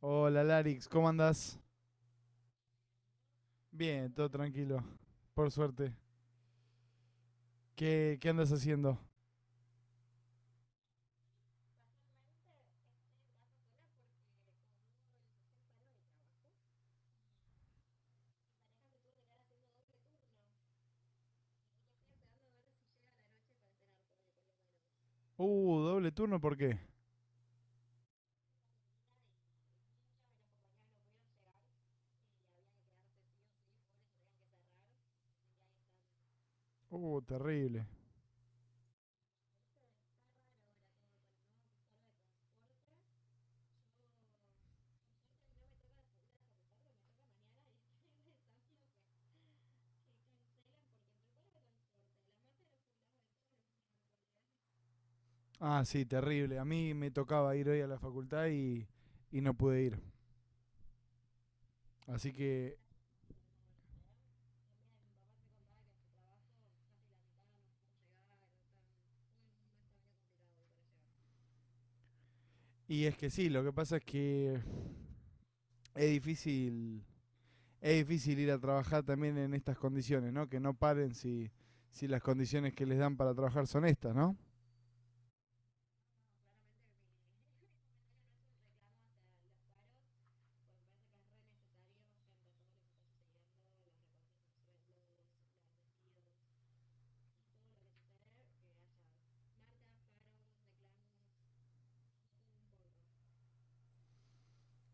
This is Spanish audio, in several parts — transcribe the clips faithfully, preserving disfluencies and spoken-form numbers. Hola Larix, ¿cómo andas? Bien, todo tranquilo, por suerte. ¿Qué, qué andas haciendo? Uh, doble turno, ¿por qué? Uh, terrible. Ah, sí, terrible. A mí me tocaba ir hoy a la facultad y, y no pude ir. Así que... Y es que sí, lo que pasa es que es difícil, es difícil ir a trabajar también en estas condiciones, ¿no? Que no paren si, si las condiciones que les dan para trabajar son estas, ¿no?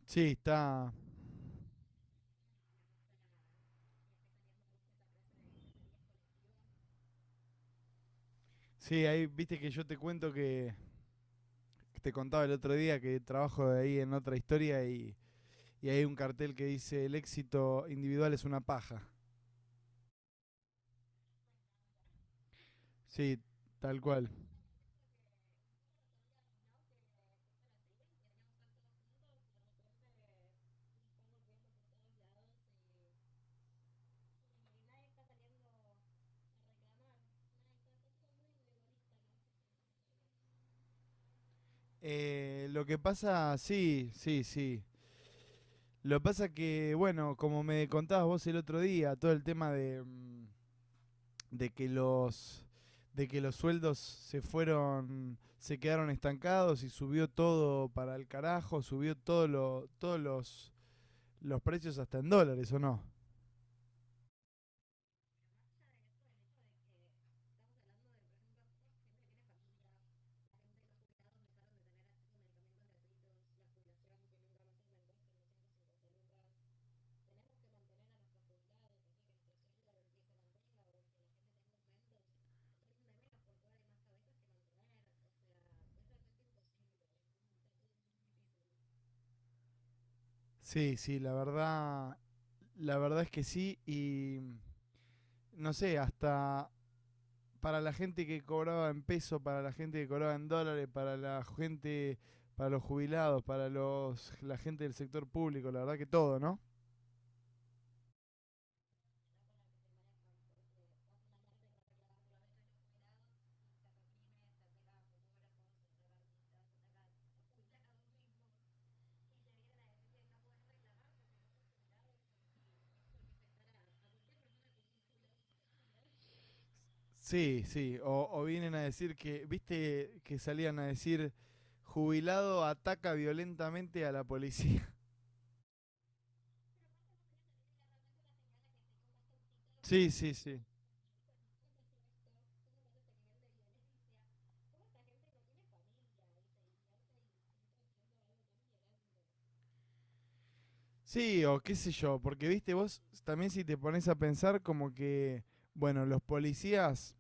Sí, está... Sí, ahí viste que yo te cuento que te contaba el otro día que trabajo de ahí en otra historia y, y hay un cartel que dice el éxito individual es una paja. Sí, tal cual. Eh, lo que pasa, sí, sí, sí. Lo que pasa que, bueno, como me contabas vos el otro día, todo el tema de, mm, de que los de que los sueldos se fueron, se quedaron estancados y subió todo para el carajo, subió todo lo, todos los, los precios hasta en dólares, ¿o no? Sí, sí, la verdad. La verdad es que sí, y mm, no sé, hasta para la gente que cobraba en peso, para la gente que cobraba en dólares, para la gente, para los jubilados, para los, la gente del sector público, la verdad que todo, ¿no? Sí, sí, o, o vienen a decir que, viste que salían a decir, jubilado ataca violentamente a la policía. Sí, sí, sí. Sí, o qué sé yo, porque viste vos, también si te pones a pensar como que, bueno, los policías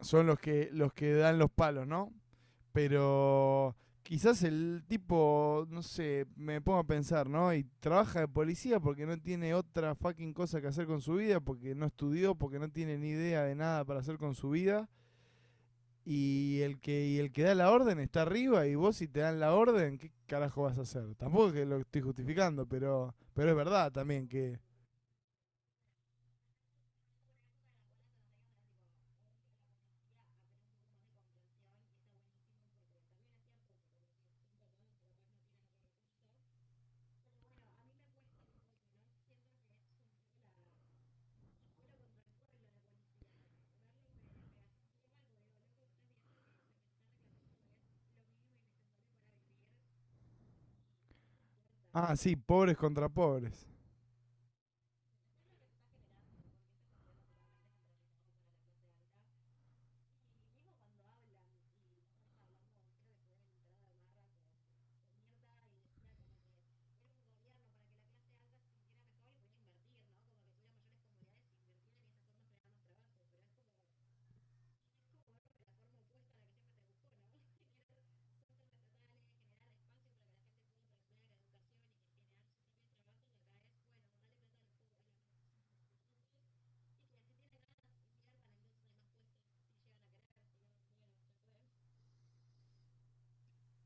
son los que, los que dan los palos, ¿no? Pero quizás el tipo, no sé, me pongo a pensar, ¿no? Y trabaja de policía porque no tiene otra fucking cosa que hacer con su vida, porque no estudió, porque no tiene ni idea de nada para hacer con su vida. Y el que, y el que da la orden está arriba y vos si te dan la orden, ¿qué carajo vas a hacer? Tampoco es que lo estoy justificando, pero, pero es verdad también que... Ah, sí, pobres contra pobres.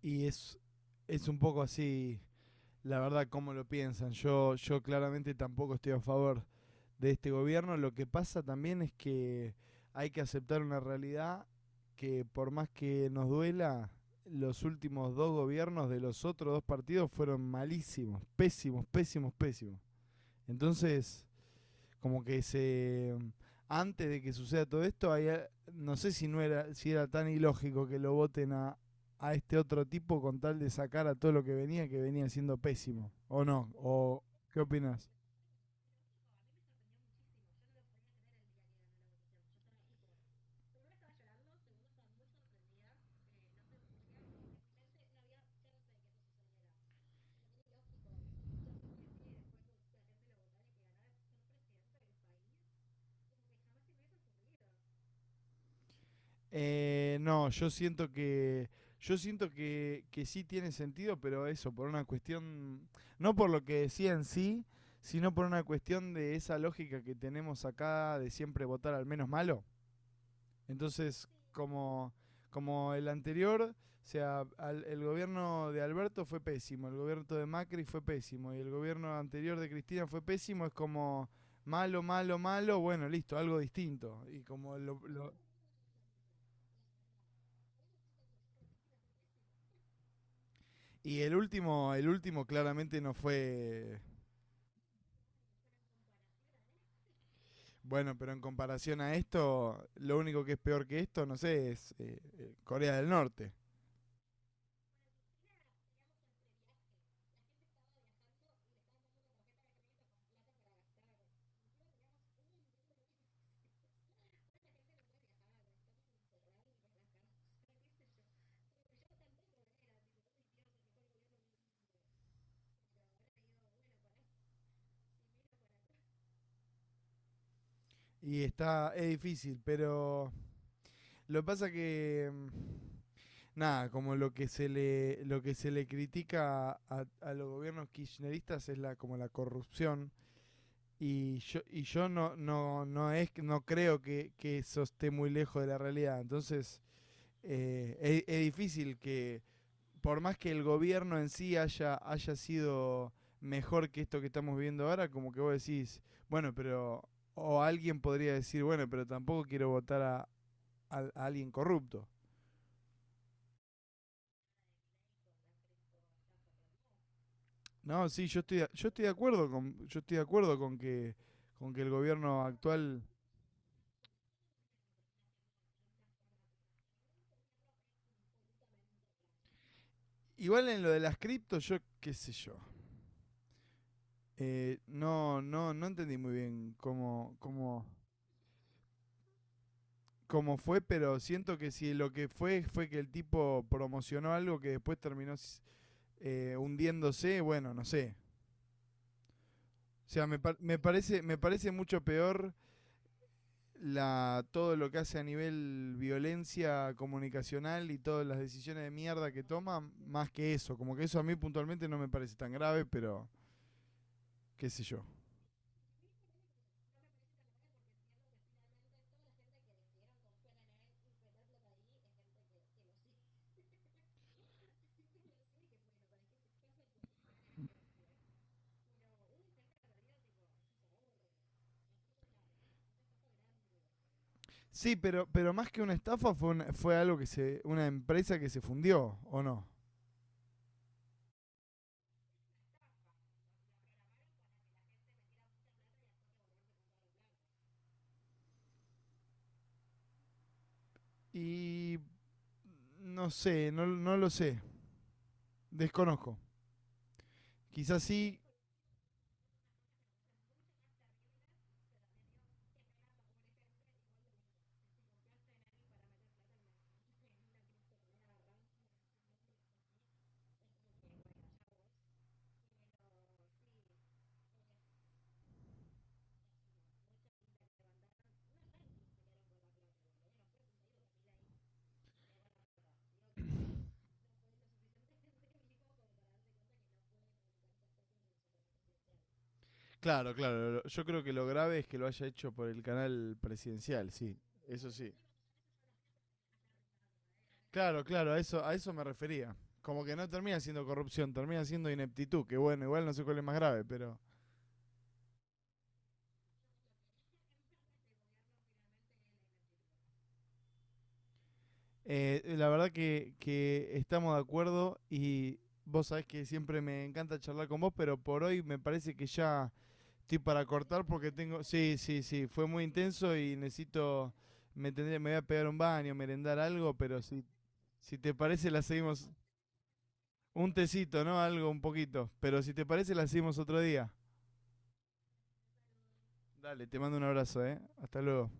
Y es, es un poco así la verdad cómo lo piensan. Yo, yo claramente tampoco estoy a favor de este gobierno. Lo que pasa también es que hay que aceptar una realidad que por más que nos duela, los últimos dos gobiernos de los otros dos partidos fueron malísimos, pésimos, pésimos, pésimos. Entonces, como que se mm, antes de que suceda todo esto, hay, no sé si no era, si era tan ilógico que lo voten a, a este otro tipo con tal de sacar a todo lo que venía, que venía siendo pésimo, o no, o ¿qué opinas? Eh, no, yo siento que yo siento que, que sí tiene sentido, pero eso, por una cuestión, no por lo que decía en sí, sino por una cuestión de esa lógica que tenemos acá de siempre votar al menos malo. Entonces, como, como el anterior, o sea, al- el gobierno de Alberto fue pésimo, el gobierno de Macri fue pésimo y el gobierno anterior de Cristina fue pésimo, es como malo, malo, malo, bueno, listo, algo distinto. Y como lo- lo- y el último, el último claramente no fue bueno, pero en comparación a esto, lo único que es peor que esto, no sé, es eh, eh, Corea del Norte. Y está, es difícil, pero lo que pasa que mm, nada, como lo que se le, lo que se le critica a, a los gobiernos kirchneristas es la, como la corrupción. Y yo, y yo no, no, no es que- no creo que, que eso esté muy lejos de la realidad. Entonces, eh, es, es difícil que, por más que el gobierno en sí haya, haya sido mejor que esto que estamos viviendo ahora, como que vos decís, bueno, pero. O alguien podría decir, bueno, pero tampoco quiero votar a, a- a alguien corrupto. No, sí, yo estoy, yo estoy de acuerdo con, yo estoy de acuerdo con que, con que el gobierno actual, igual en lo de las criptos, yo qué sé yo. Eh, no, no, no entendí muy bien cómo, cómo, cómo fue, pero siento que si lo que fue fue que el tipo promocionó algo que después terminó eh, hundiéndose, bueno, no sé. O sea, me, par- me parece, me parece mucho peor la, todo lo que hace a nivel violencia comunicacional y todas las decisiones de mierda que toma, más que eso. Como que eso a mí puntualmente no me parece tan grave, pero qué sé yo. Sí, pero, pero más que una estafa fue, una- fue algo que se, una empresa que se fundió, ¿o no? Y no sé, no, no lo sé, desconozco. Quizás sí. Claro, claro, yo creo que lo grave es que lo haya hecho por el canal presidencial, sí, eso sí. Claro, claro, a eso, a eso me refería. Como que no termina siendo corrupción, termina siendo ineptitud, que bueno, igual no sé cuál es más grave, pero eh, la verdad que, que estamos de acuerdo y vos sabés que siempre me encanta charlar con vos, pero por hoy me parece que ya estoy para cortar porque tengo... Sí, sí, sí, fue muy intenso y necesito... Me, tendría, me voy a pegar un baño, merendar algo, pero si, si te parece la seguimos... Un tecito, ¿no? Algo, un poquito. Pero si te parece la seguimos otro día. Dale, te mando un abrazo, ¿eh? Hasta luego.